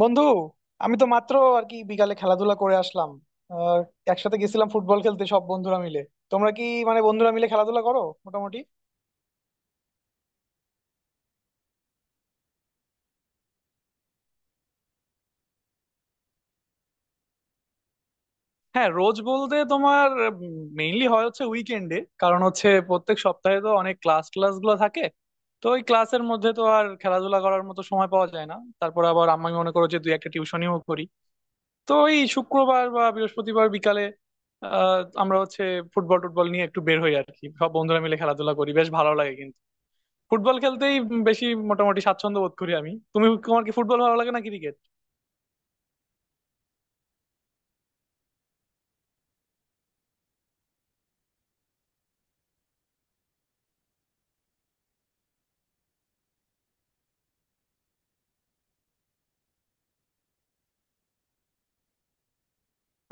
বন্ধু, আমি তো মাত্র আর কি বিকালে খেলাধুলা করে আসলাম। আহ, একসাথে গেছিলাম ফুটবল খেলতে সব বন্ধুরা মিলে। তোমরা কি মানে বন্ধুরা মিলে খেলাধুলা করো? মোটামুটি। হ্যাঁ, রোজ বলতে তোমার মেইনলি হয় হচ্ছে উইকেন্ডে, কারণ হচ্ছে প্রত্যেক সপ্তাহে তো অনেক ক্লাস ক্লাস গুলো থাকে। তো ওই ক্লাসের মধ্যে তো আর খেলাধুলা করার মতো সময় পাওয়া যায় না। তারপর আবার আমি মনে করো যে দুই একটা টিউশনিও করি। তো ওই শুক্রবার বা বৃহস্পতিবার বিকালে আমরা হচ্ছে ফুটবল টুটবল নিয়ে একটু বের হই আর কি, সব বন্ধুরা মিলে খেলাধুলা করি, বেশ ভালো লাগে কিন্তু। ফুটবল খেলতেই বেশি মোটামুটি স্বাচ্ছন্দ্য বোধ করি আমি। তুমি তোমার কি ফুটবল ভালো লাগে না ক্রিকেট?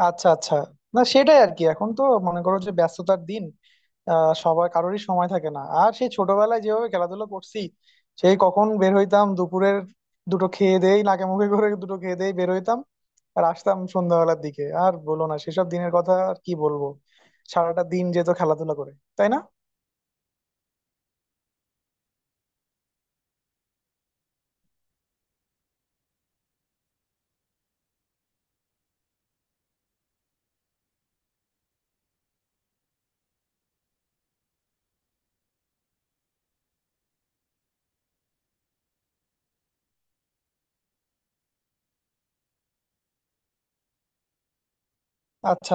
আচ্ছা, আচ্ছা। না, সেটাই আর কি, এখন তো মনে করো যে ব্যস্ততার দিন, সবার কারোরই সময় থাকে না। আর সেই ছোটবেলায় যেভাবে খেলাধুলা করছি, সেই কখন বের হইতাম দুপুরের দুটো খেয়ে দেই, নাকে মুখে করে দুটো খেয়ে দেই বের হইতাম আর আসতাম সন্ধ্যাবেলার দিকে। আর বলো না সেসব দিনের কথা, আর কি বলবো, সারাটা দিন যেত খেলাধুলা করে, তাই না? আচ্ছা।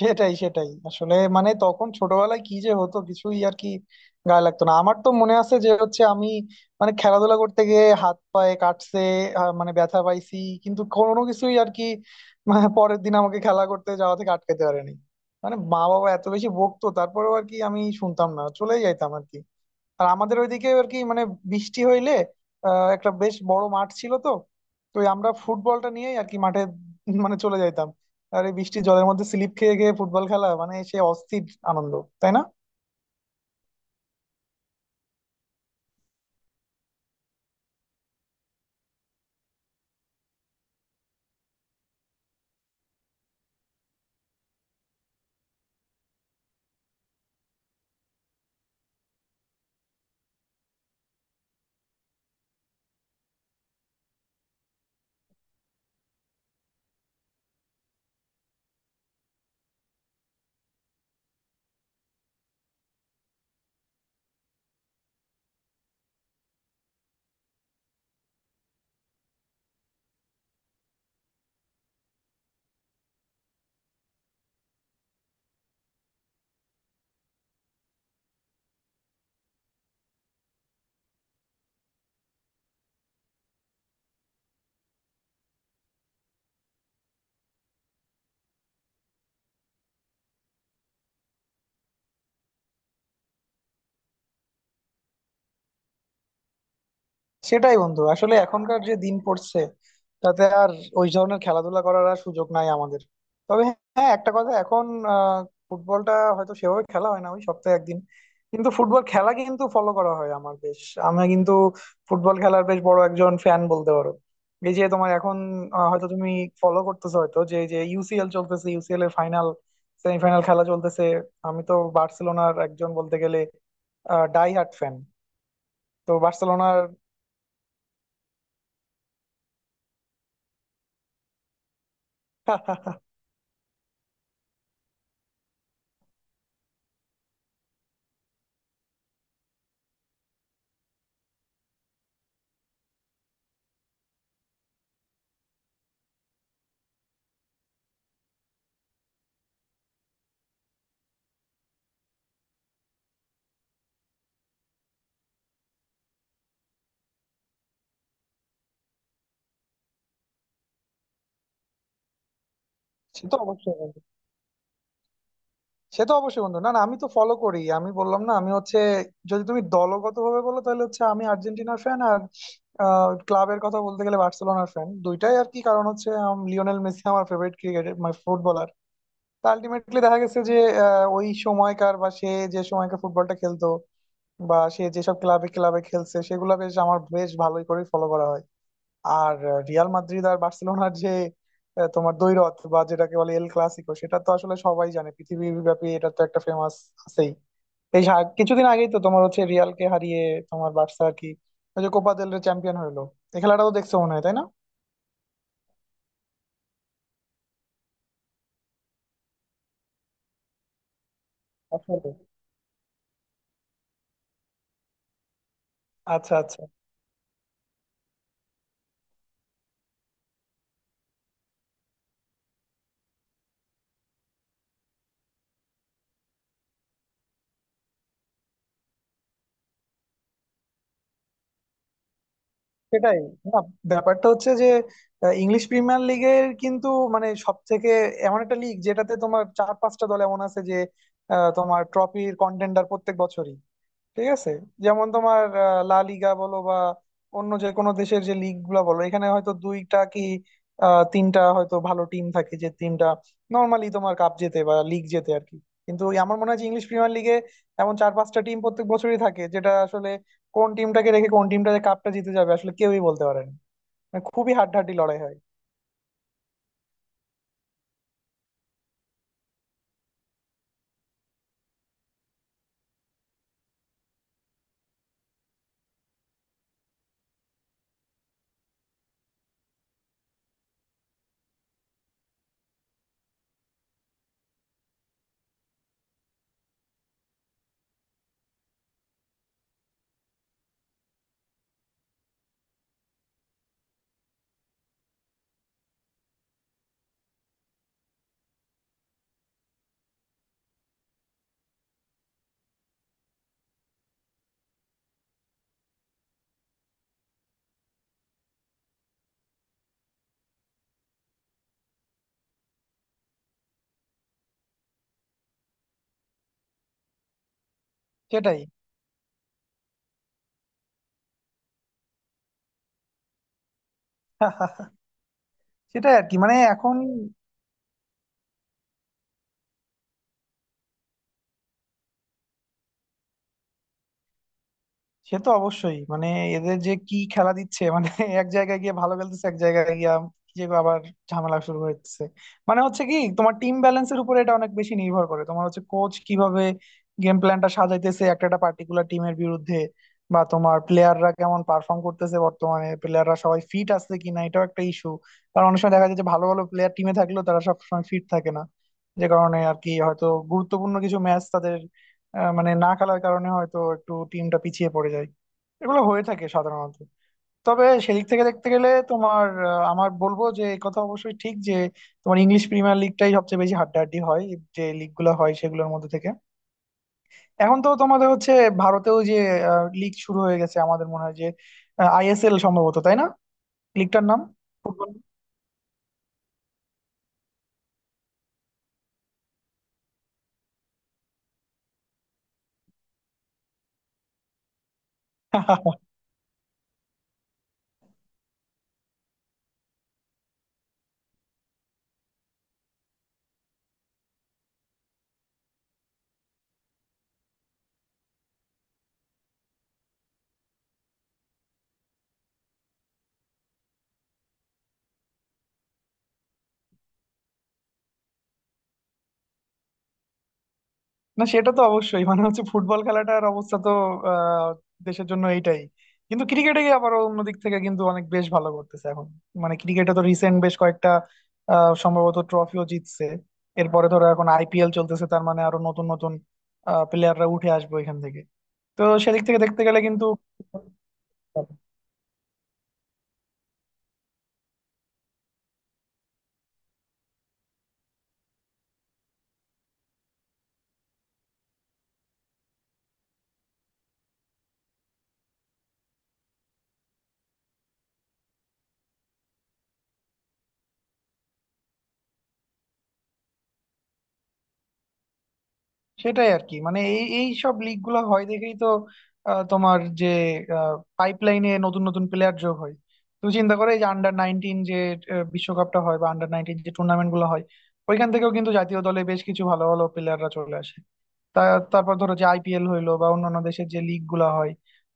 সেটাই, সেটাই, আসলে মানে তখন ছোটবেলায় কি যে হতো, কিছুই আর কি গায়ে লাগতো না। আমার তো মনে আছে যে হচ্ছে আমি মানে খেলাধুলা করতে গিয়ে হাত পায়ে কাটছে, মানে ব্যথা পাইছি, কিন্তু কোনো কিছুই আর কি মানে পরের দিন আমাকে খেলা করতে যাওয়া থেকে আটকাতে পারেনি। মানে মা বাবা এত বেশি বকতো, তারপরেও আর কি আমি শুনতাম না, চলেই যাইতাম আর কি। আর আমাদের ওইদিকে আর কি, মানে বৃষ্টি হইলে একটা বেশ বড় মাঠ ছিল তো, তো ওই আমরা ফুটবলটা নিয়েই আর কি মাঠে মানে চলে যাইতাম। আর এই বৃষ্টির জলের মধ্যে স্লিপ খেয়ে খেয়ে ফুটবল খেলা, মানে সে অস্থির আনন্দ, তাই না? সেটাই বন্ধু, আসলে এখনকার যে দিন পড়ছে, তাতে আর ওই ধরনের খেলাধুলা করার আর সুযোগ নাই আমাদের। তবে হ্যাঁ, একটা কথা, এখন আহ, ফুটবলটা হয়তো সেভাবে খেলা হয় না, ওই সপ্তাহে একদিন, কিন্তু ফুটবল খেলা কিন্তু ফলো করা হয় আমার বেশ। আমি কিন্তু ফুটবল খেলার বেশ বড় একজন ফ্যান বলতে পারো। এই যে তোমার এখন হয়তো তুমি ফলো করতেছো হয়তো, যে যে ইউসিএল চলতেছে, ইউসিএল এর ফাইনাল সেমিফাইনাল খেলা চলতেছে। আমি তো বার্সেলোনার একজন বলতে গেলে ডাই হার্ট ফ্যান। তো বার্সেলোনার সে তো অবশ্যই বন্ধু, না না, আমি তো ফলো করি, আমি বললাম না, আমি হচ্ছে যদি তুমি দলগত ভাবে বলো তাহলে হচ্ছে আমি আর্জেন্টিনার ফ্যান, আর ক্লাবের কথা বলতে গেলে বার্সেলোনার ফ্যান, দুইটাই আর কি। কারণ হচ্ছে লিওনেল মেসি আমার ফেভারিট ক্রিকেটার, মানে ফুটবলার। তা আলটিমেটলি দেখা গেছে যে ওই সময়কার বা সে যে সময়কার ফুটবলটা খেলতো, বা সে যেসব ক্লাবে ক্লাবে খেলছে, সেগুলা বেশ আমার বেশ ভালোই করে ফলো করা হয়। আর রিয়াল মাদ্রিদ আর বার্সেলোনার যে তোমার দ্বৈরথ বা যেটাকে বলে এল ক্লাসিকো, সেটা তো আসলে সবাই জানে, পৃথিবীর ব্যাপী এটা তো একটা ফেমাস আছেই। এই কিছুদিন আগেই তো তোমার হচ্ছে রিয়ালকে হারিয়ে তোমার বার্সা আর কি ওই যে কোপা দেল রে চ্যাম্পিয়ন হলো। এই খেলাটাও দেখছো মনে হয়, তাই না? আসলে আচ্ছা, আচ্ছা। সেটাই, না, ব্যাপারটা হচ্ছে যে ইংলিশ প্রিমিয়ার লিগের কিন্তু মানে সব থেকে এমন একটা লিগ যেটাতে তোমার চার পাঁচটা দল এমন আছে যে তোমার ট্রফির কন্টেন্ডার প্রত্যেক বছরই, ঠিক আছে? যেমন তোমার লা লিগা বলো বা অন্য যে কোনো দেশের যে লিগ গুলা বলো, এখানে হয়তো দুইটা কি তিনটা হয়তো ভালো টিম থাকে, যে টিমটা নর্মালি তোমার কাপ জেতে বা লিগ জেতে আর কি। কিন্তু ওই আমার মনে হয় যে ইংলিশ প্রিমিয়ার লিগে এমন চার পাঁচটা টিম প্রত্যেক বছরই থাকে, যেটা আসলে কোন টিমটাকে রেখে কোন টিমটা যে কাপটা জিতে যাবে আসলে কেউই বলতে পারে না, মানে খুবই হাড্ডাহাড্ডি লড়াই হয়। সেটাই সেটাই আর কি, মানে এখন সে তো অবশ্যই মানে এদের যে কি খেলা দিচ্ছে, মানে এক জায়গায় গিয়ে ভালো খেলতেছে, এক জায়গায় গিয়ে যে আবার ঝামেলা শুরু হচ্ছে। মানে হচ্ছে কি, তোমার টিম ব্যালেন্সের উপরে এটা অনেক বেশি নির্ভর করে, তোমার হচ্ছে কোচ কিভাবে গেম প্ল্যানটা সাজাইতেছে একটা একটা পার্টিকুলার টিমের বিরুদ্ধে, বা তোমার প্লেয়াররা কেমন পারফর্ম করতেছে বর্তমানে, প্লেয়াররা সবাই ফিট আছে কিনা, এটাও একটা ইস্যু। কারণ অনেক সময় দেখা যায় যে ভালো ভালো প্লেয়ার টিমে থাকলেও তারা সবসময় ফিট থাকে না, যে কারণে আর কি হয়তো গুরুত্বপূর্ণ কিছু ম্যাচ তাদের মানে না খেলার কারণে হয়তো একটু টিমটা পিছিয়ে পড়ে যায়। এগুলো হয়ে থাকে সাধারণত। তবে সেদিক থেকে দেখতে গেলে তোমার আমার বলবো যে এই কথা অবশ্যই ঠিক, যে তোমার ইংলিশ প্রিমিয়ার লিগটাই সবচেয়ে বেশি হাড্ডাহাড্ডি হয় যে লিগ গুলো হয় সেগুলোর মধ্যে থেকে। এখন তো তোমাদের হচ্ছে ভারতেও যে লিগ শুরু হয়ে গেছে, আমাদের মনে হয় যে আইএসএল সম্ভবত, তাই না? লিগটার নাম, ফুটবল। না, সেটা তো অবশ্যই, মানে হচ্ছে ফুটবল খেলাটার অবস্থা তো আহ, দেশের জন্য এইটাই। কিন্তু ক্রিকেটে গিয়ে আবার অন্য দিক থেকে কিন্তু অনেক বেশ ভালো করতেছে এখন। মানে ক্রিকেটে তো রিসেন্ট বেশ কয়েকটা সম্ভবত ট্রফিও জিতছে। এরপরে ধরো এখন আইপিএল চলতেছে, তার মানে আরো নতুন নতুন প্লেয়াররা উঠে আসবে এখান থেকে। তো সেদিক থেকে দেখতে গেলে কিন্তু সেটাই আর কি, মানে এই এই সব লিগ গুলো হয় দেখেই তো তোমার যে পাইপলাইনে নতুন নতুন প্লেয়ার যোগ হয়। তুমি চিন্তা করো, এই যে আন্ডার 19 যে বিশ্বকাপটা হয়, বা আন্ডার 19 যে টুর্নামেন্ট গুলো হয়, ওইখান থেকেও কিন্তু জাতীয় দলে বেশ কিছু ভালো ভালো প্লেয়াররা চলে আসে। তা তারপর ধরো যে আইপিএল হইলো বা অন্যান্য দেশের যে লিগ গুলা হয়,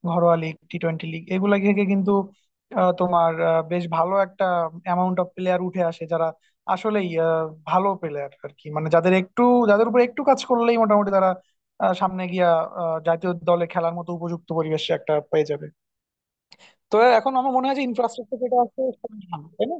ঘরোয়া লিগ, টি20 লিগ, এগুলা থেকে কিন্তু তোমার বেশ ভালো একটা অ্যামাউন্ট অফ প্লেয়ার উঠে আসে, যারা আসলেই ভালো প্লেয়ার আর কি, মানে যাদের উপর একটু কাজ করলেই মোটামুটি তারা সামনে গিয়া জাতীয় দলে খেলার মতো উপযুক্ত পরিবেশে একটা পেয়ে যাবে। তো এখন আমার মনে হয় যে ইনফ্রাস্ট্রাকচার যেটা আছে সেটা ভালো, তাই না?